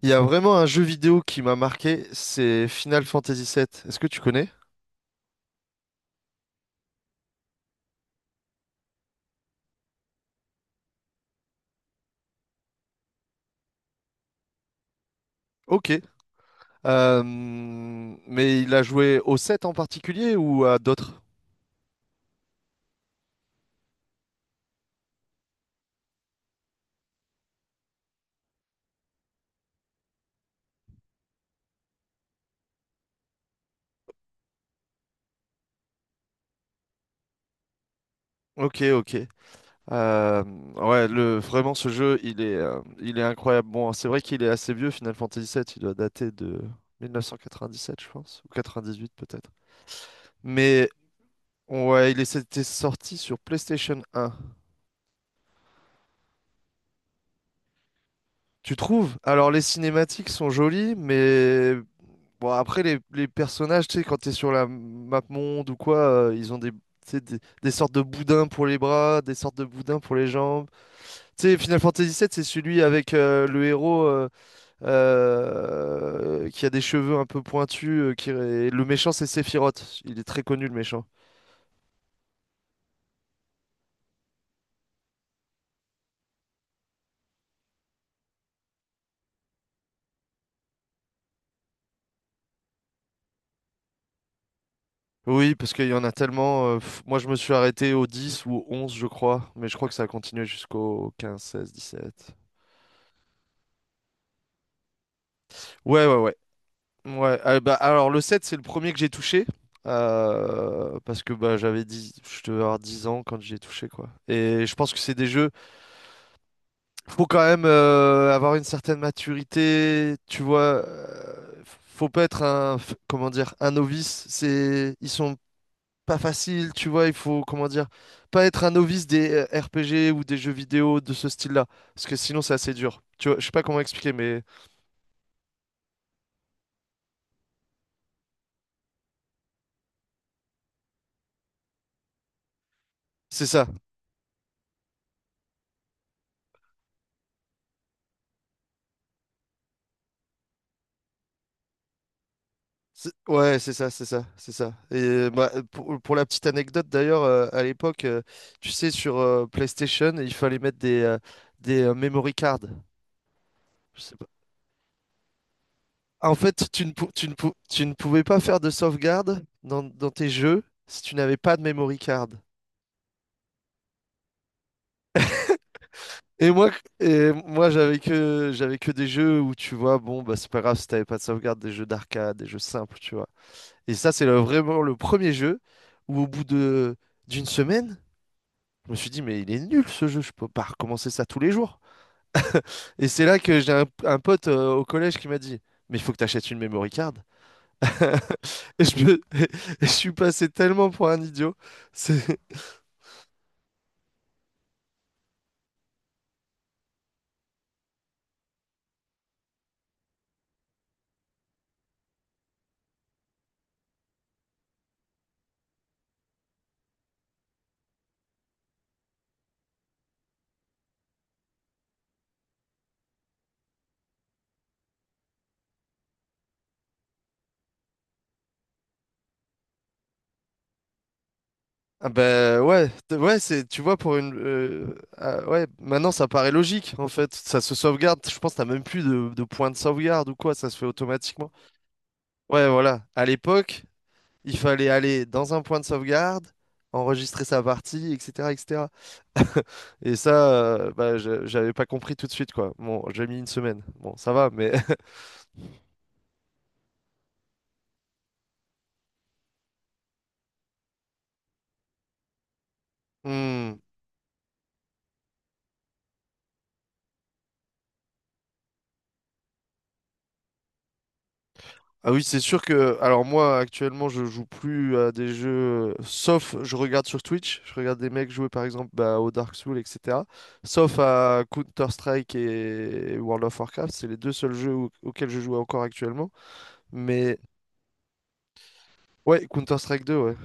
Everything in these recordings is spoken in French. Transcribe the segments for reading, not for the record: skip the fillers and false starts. Il y a vraiment un jeu vidéo qui m'a marqué, c'est Final Fantasy VII. Est-ce que tu connais? Ok. Mais il a joué au 7 en particulier ou à d'autres? Ok, ok. Euh, ouais, vraiment ce jeu, il est incroyable. Bon, c'est vrai qu'il est assez vieux, Final Fantasy VII. Il doit dater de 1997, je pense, ou 98 peut-être. Mais ouais, c'était sorti sur PlayStation 1. Tu trouves? Alors les cinématiques sont jolies, mais bon. Après, les personnages, tu sais, quand t'es sur la map monde ou quoi, ils ont tu sais, des sortes de boudins pour les bras, des sortes de boudins pour les jambes. Tu sais, Final Fantasy VII, c'est celui avec le héros qui a des cheveux un peu pointus. Qui... et le méchant, c'est Sephiroth. Il est très connu, le méchant. Oui, parce qu'il y en a tellement. Moi, je me suis arrêté au 10 ou au 11, je crois. Mais je crois que ça a continué jusqu'au 15, 16, 17. Ouais, ouais, ouais. Ouais, alors le 7, c'est le premier que j'ai touché. Parce que je devais avoir 10 ans quand j'ai touché, quoi. Et je pense que c'est des jeux. Faut quand même avoir une certaine maturité, tu vois. Faut pas être comment dire, un novice. Ils sont pas faciles, tu vois. Il faut, comment dire, pas être un novice des RPG ou des jeux vidéo de ce style-là. Parce que sinon, c'est assez dur. Tu vois, je sais pas comment expliquer, mais c'est ça. Ouais, c'est ça, c'est ça, c'est ça. Et pour la petite anecdote d'ailleurs, à l'époque, tu sais, sur PlayStation, il fallait mettre des memory cards. Je sais pas. En fait, tu ne pouvais pas faire de sauvegarde dans tes jeux si tu n'avais pas de memory card. Et moi, et moi j'avais que des jeux où tu vois, bon, bah, c'est pas grave si t'avais pas de sauvegarde, des jeux d'arcade, des jeux simples, tu vois. Et ça, vraiment le premier jeu où au bout de d'une semaine, je me suis dit, mais il est nul ce jeu, je peux pas recommencer ça tous les jours. Et c'est là que j'ai un pote au collège qui m'a dit, mais il faut que tu achètes une memory card. Et je suis passé tellement pour un idiot. C'est... Ah ben ouais, ouais, tu vois, pour une... Ah ouais, maintenant ça paraît logique, en fait. Ça se sauvegarde, je pense que t'as même plus de point de sauvegarde ou quoi, ça se fait automatiquement. Ouais, voilà. À l'époque, il fallait aller dans un point de sauvegarde, enregistrer sa partie, etc., etc. Et ça, j'avais pas compris tout de suite, quoi. Bon, j'ai mis une semaine. Bon, ça va, mais. Hmm. Ah oui, c'est sûr que. Alors, moi, actuellement, je joue plus à des jeux. Sauf, je regarde sur Twitch. Je regarde des mecs jouer, par exemple, bah, au Dark Souls, etc. Sauf à Counter-Strike et World of Warcraft. C'est les deux seuls jeux auxquels je joue encore actuellement. Mais. Ouais, Counter-Strike 2, ouais.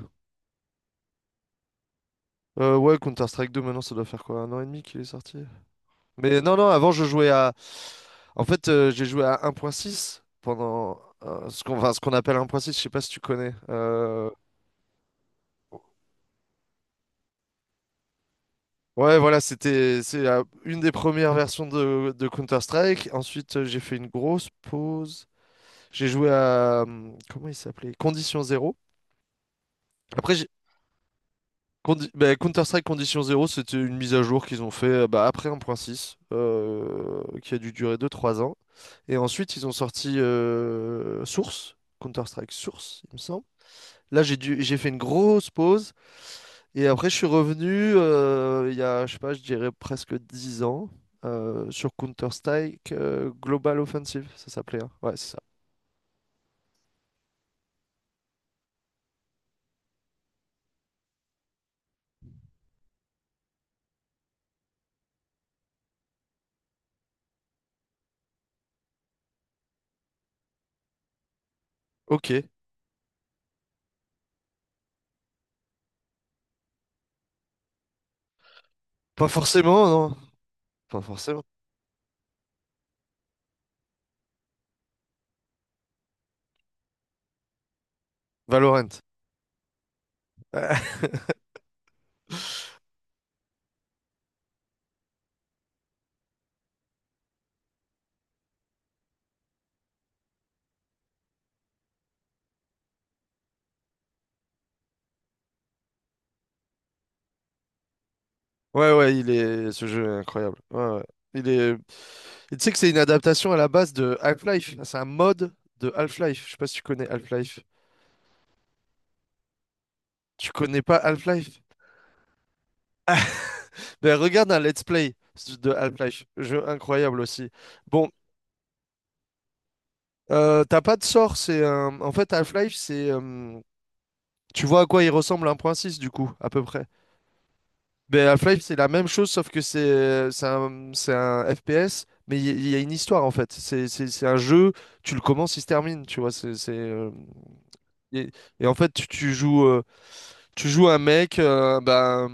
Ouais, Counter-Strike 2, maintenant, ça doit faire quoi? Un an et demi qu'il est sorti? Mais non, non, avant, je jouais à. En fait, j'ai joué à 1.6 pendant ce qu'on enfin, ce qu'on appelle 1.6, je sais pas si tu connais. Ouais, voilà, une des premières versions de Counter-Strike. Ensuite, j'ai fait une grosse pause. J'ai joué à. Comment il s'appelait? Condition Zéro. Après, Counter-Strike Condition 0, c'était une mise à jour qu'ils ont fait après 1.6, qui a dû durer deux trois ans. Et ensuite, ils ont sorti Source, Counter-Strike Source, il me semble. Là, j'ai fait une grosse pause. Et après, je suis revenu il y a, je sais pas, je dirais presque 10 ans sur Counter-Strike Global Offensive, ça s'appelait, hein. Ouais, c'est ça. Ok. Pas forcément, non. Pas forcément. Valorant. Ouais, ouais, il est... ce jeu est incroyable. Ouais, ouais. Il est... Et tu sais que c'est une adaptation à la base de Half-Life. C'est un mode de Half-Life. Je sais pas si tu connais Half-Life. Tu connais pas Half-Life? Ben, regarde un let's play de Half-Life. Jeu incroyable aussi. Bon, t'as pas de sort. C'est un... En fait, Half-Life, c'est... Tu vois à quoi il ressemble 1.6 du coup, à peu près. Ben, Half-Life, c'est la même chose, sauf que c'est un FPS, mais il y a une histoire en fait. C'est un jeu, tu le commences, il se termine, tu vois. Et, et en fait, tu joues un mec,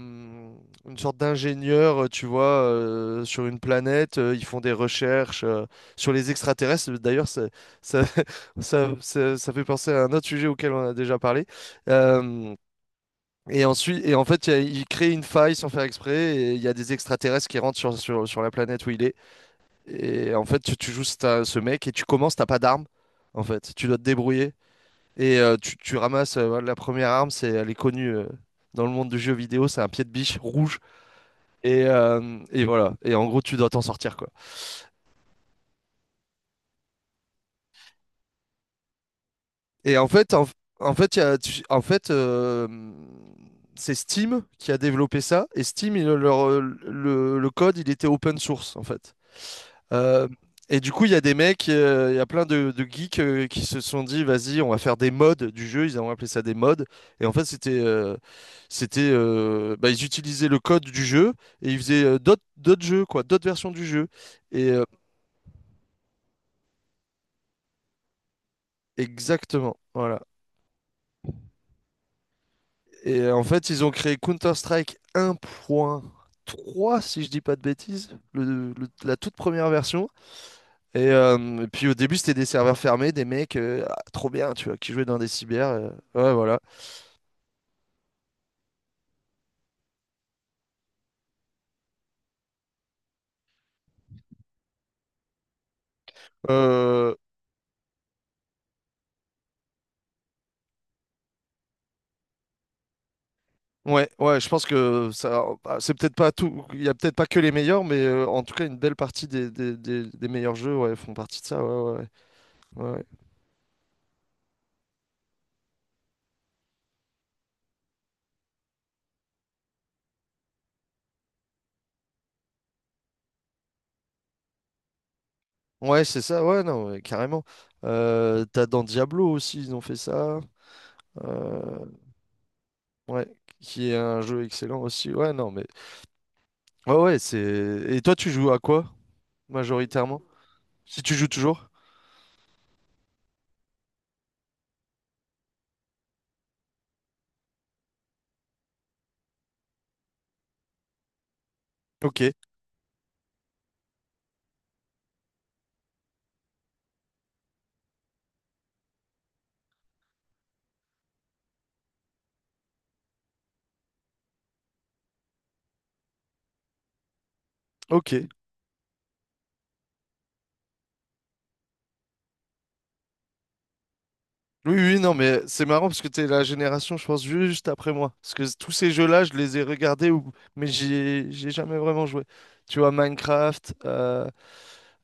une sorte d'ingénieur, tu vois, sur une planète. Ils font des recherches sur les extraterrestres. D'ailleurs, ça, ça fait penser à un autre sujet auquel on a déjà parlé. Euh, et ensuite, en fait, il crée une faille sans faire exprès. Et il y a des extraterrestres qui rentrent sur la planète où il est. Et en fait, tu joues ce mec et tu commences, t'as pas d'arme. En fait, tu dois te débrouiller. Et tu ramasses la première arme, elle est connue dans le monde du jeu vidéo, c'est un pied de biche rouge. Et voilà. Et en gros, tu dois t'en sortir, quoi. Et en fait, il y a- tu- en fait c'est Steam qui a développé ça. Et Steam, le code, il était open source, en fait. Euh, et du coup, il y a plein de geeks qui se sont dit, vas-y, on va faire des modes du jeu. Ils ont appelé ça des modes. Et en fait, ils utilisaient le code du jeu et ils faisaient d'autres jeux, quoi, d'autres versions du jeu. Et euh, Exactement, voilà. En fait, ils ont créé Counter-Strike 1.3, si je dis pas de bêtises, la toute première version. Et puis au début, c'était des serveurs fermés, des mecs, ah, trop bien, tu vois, qui jouaient dans des cyber. Ouais, voilà. Euh, ouais, ouais, je pense que ça, bah, c'est peut-être pas tout. Il y a peut-être pas que les meilleurs, mais en tout cas, une belle partie des meilleurs jeux, ouais, font partie de ça. Ouais, ouais, ouais. Ouais, ouais, c'est ça. Ouais, non, ouais, carrément. T'as dans Diablo aussi, ils ont fait ça. Euh, ouais, qui est un jeu excellent aussi. Ouais, non, mais ouais, ouais, c'est. Et toi, tu joues à quoi majoritairement? Si tu joues toujours? Ok, ok. Oui, oui, non, mais c'est marrant parce que t'es la génération, je pense, juste après moi. Parce que tous ces jeux-là, je les ai regardés, ou... mais j'ai jamais vraiment joué. Tu vois, Minecraft,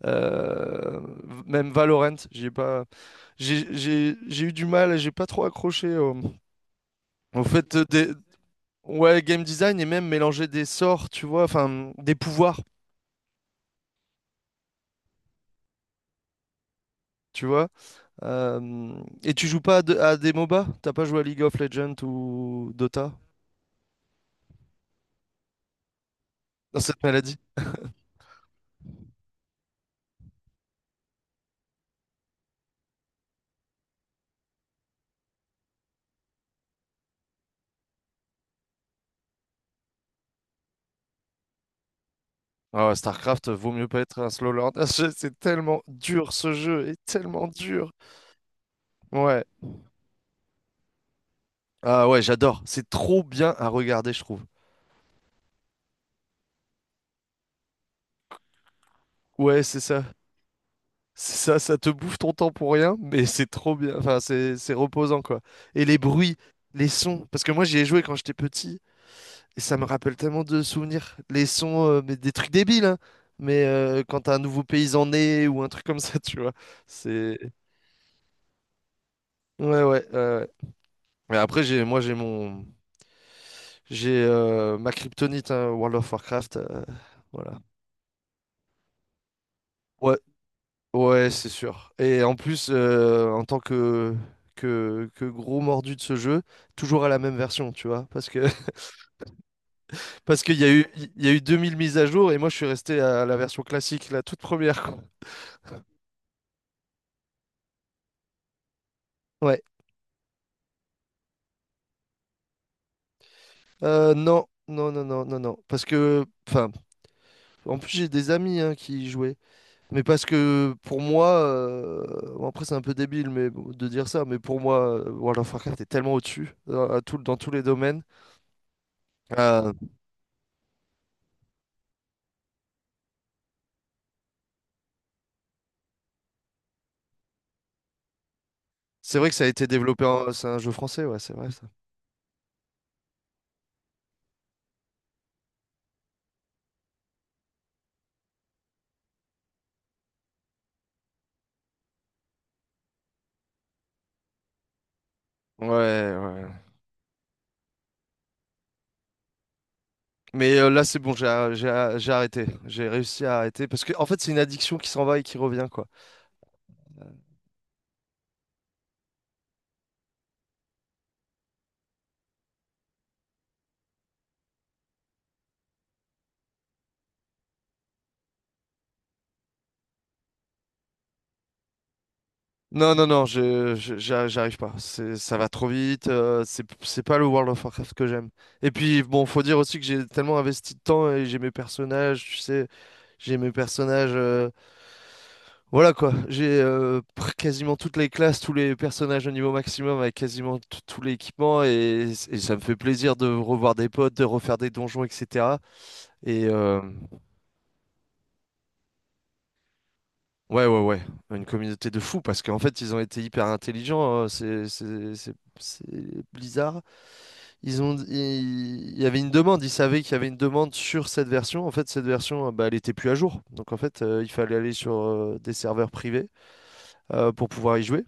euh, même Valorant, j'ai pas... J'ai eu du mal, j'ai pas trop accroché au fait des... Ouais, game design et même mélanger des sorts, tu vois, enfin, des pouvoirs, tu vois. Euh, Et tu joues pas à des MOBA? T'as pas joué à League of Legends ou Dota? Dans cette maladie? Ah ouais, StarCraft vaut mieux pas être un slow learner. C'est tellement dur ce jeu, est tellement dur. Ouais. Ah ouais, j'adore. C'est trop bien à regarder, je trouve. Ouais, c'est ça. C'est ça, ça te bouffe ton temps pour rien, mais c'est trop bien. Enfin, c'est reposant quoi. Et les bruits, les sons. Parce que moi, j'y ai joué quand j'étais petit et ça me rappelle tellement de souvenirs. Les sons, mais des trucs débiles, hein. Mais quand t'as un nouveau paysan né ou un truc comme ça, tu vois. C'est. Ouais, ouais. Ouais, ouais. Mais après, j'ai, moi, j'ai mon, J'ai ma kryptonite, hein, World of Warcraft. Voilà. Ouais, ouais, c'est sûr. Et en plus, en tant que gros mordu de ce jeu, toujours à la même version, tu vois. Parce que parce qu'il y a eu 2 000 mises à jour et moi je suis resté à la version classique, la toute première, quoi. Ouais. Non, non, non, non, non, non. Parce que, enfin, en plus j'ai des amis, hein, qui y jouaient. Mais parce que pour moi, bon, après c'est un peu débile, mais bon, de dire ça. Mais pour moi, World of Warcraft est tellement au-dessus dans, dans tous les domaines. Euh, c'est vrai que ça a été c'est un jeu français, ouais, c'est vrai ça. Ouais, ouais. Mais là c'est bon, j'ai arrêté, j'ai réussi à arrêter parce que en fait c'est une addiction qui s'en va et qui revient, quoi. Non, non, non, j'arrive pas. C'est, ça va trop vite. C'est pas le World of Warcraft que j'aime. Et puis bon, faut dire aussi que j'ai tellement investi de temps et j'ai mes personnages. Voilà quoi. J'ai quasiment toutes les classes, tous les personnages au niveau maximum avec quasiment tout l'équipement, et ça me fait plaisir de revoir des potes, de refaire des donjons, etc. Et ouais, ouais, ouais. Une communauté de fous parce qu'en fait, ils ont été hyper intelligents, hein. C'est Blizzard. Il y avait une demande, ils savaient qu'il y avait une demande sur cette version. En fait, cette version, bah, elle était plus à jour. Donc en fait, il fallait aller sur des serveurs privés pour pouvoir y jouer.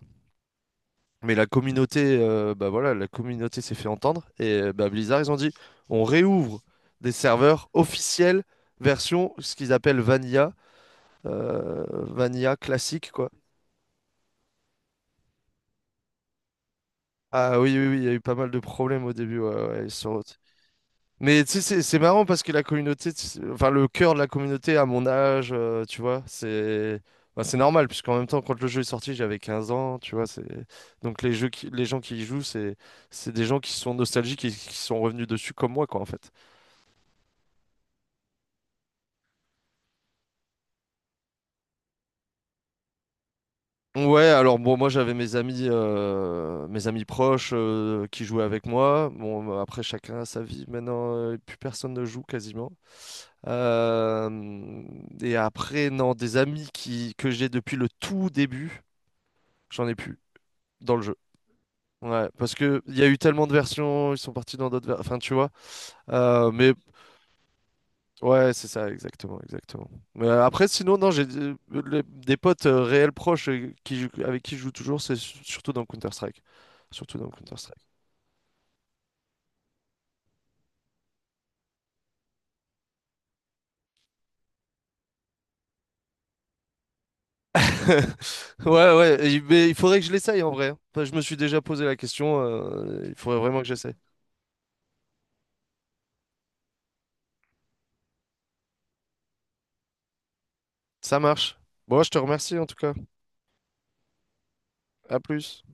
Mais la communauté, bah voilà, la communauté s'est fait entendre, et bah, Blizzard, ils ont dit, on réouvre des serveurs officiels version ce qu'ils appellent Vanilla, euh, Vanilla classique, quoi. Ah oui, oui, oui, il y a eu pas mal de problèmes au début. Ouais, Mais tu sais, c'est marrant parce que la communauté, tu sais, enfin le cœur de la communauté à mon âge, tu vois, c'est, bah, c'est normal, puisqu'en même temps, quand le jeu est sorti, j'avais 15 ans, tu vois. C'est Donc les gens qui y jouent, c'est des gens qui sont nostalgiques et qui sont revenus dessus comme moi, quoi, en fait. Ouais, alors bon, moi j'avais mes amis proches qui jouaient avec moi. Bon bah, après chacun a sa vie. Maintenant, plus personne ne joue quasiment. Euh, et après, non, des amis qui que j'ai depuis le tout début. J'en ai plus dans le jeu. Ouais, parce que il y a eu tellement de versions, ils sont partis dans d'autres versions. Enfin, tu vois. Mais ouais, c'est ça, exactement, exactement. Mais après, sinon, non, j'ai des potes réels proches avec qui je joue toujours, c'est surtout dans Counter-Strike. Surtout dans Counter-Strike. Ouais, ouais, mais il faudrait que je l'essaye en vrai, hein. Enfin, je me suis déjà posé la question, il faudrait vraiment que j'essaie. Ça marche. Bon, je te remercie en tout cas. À plus.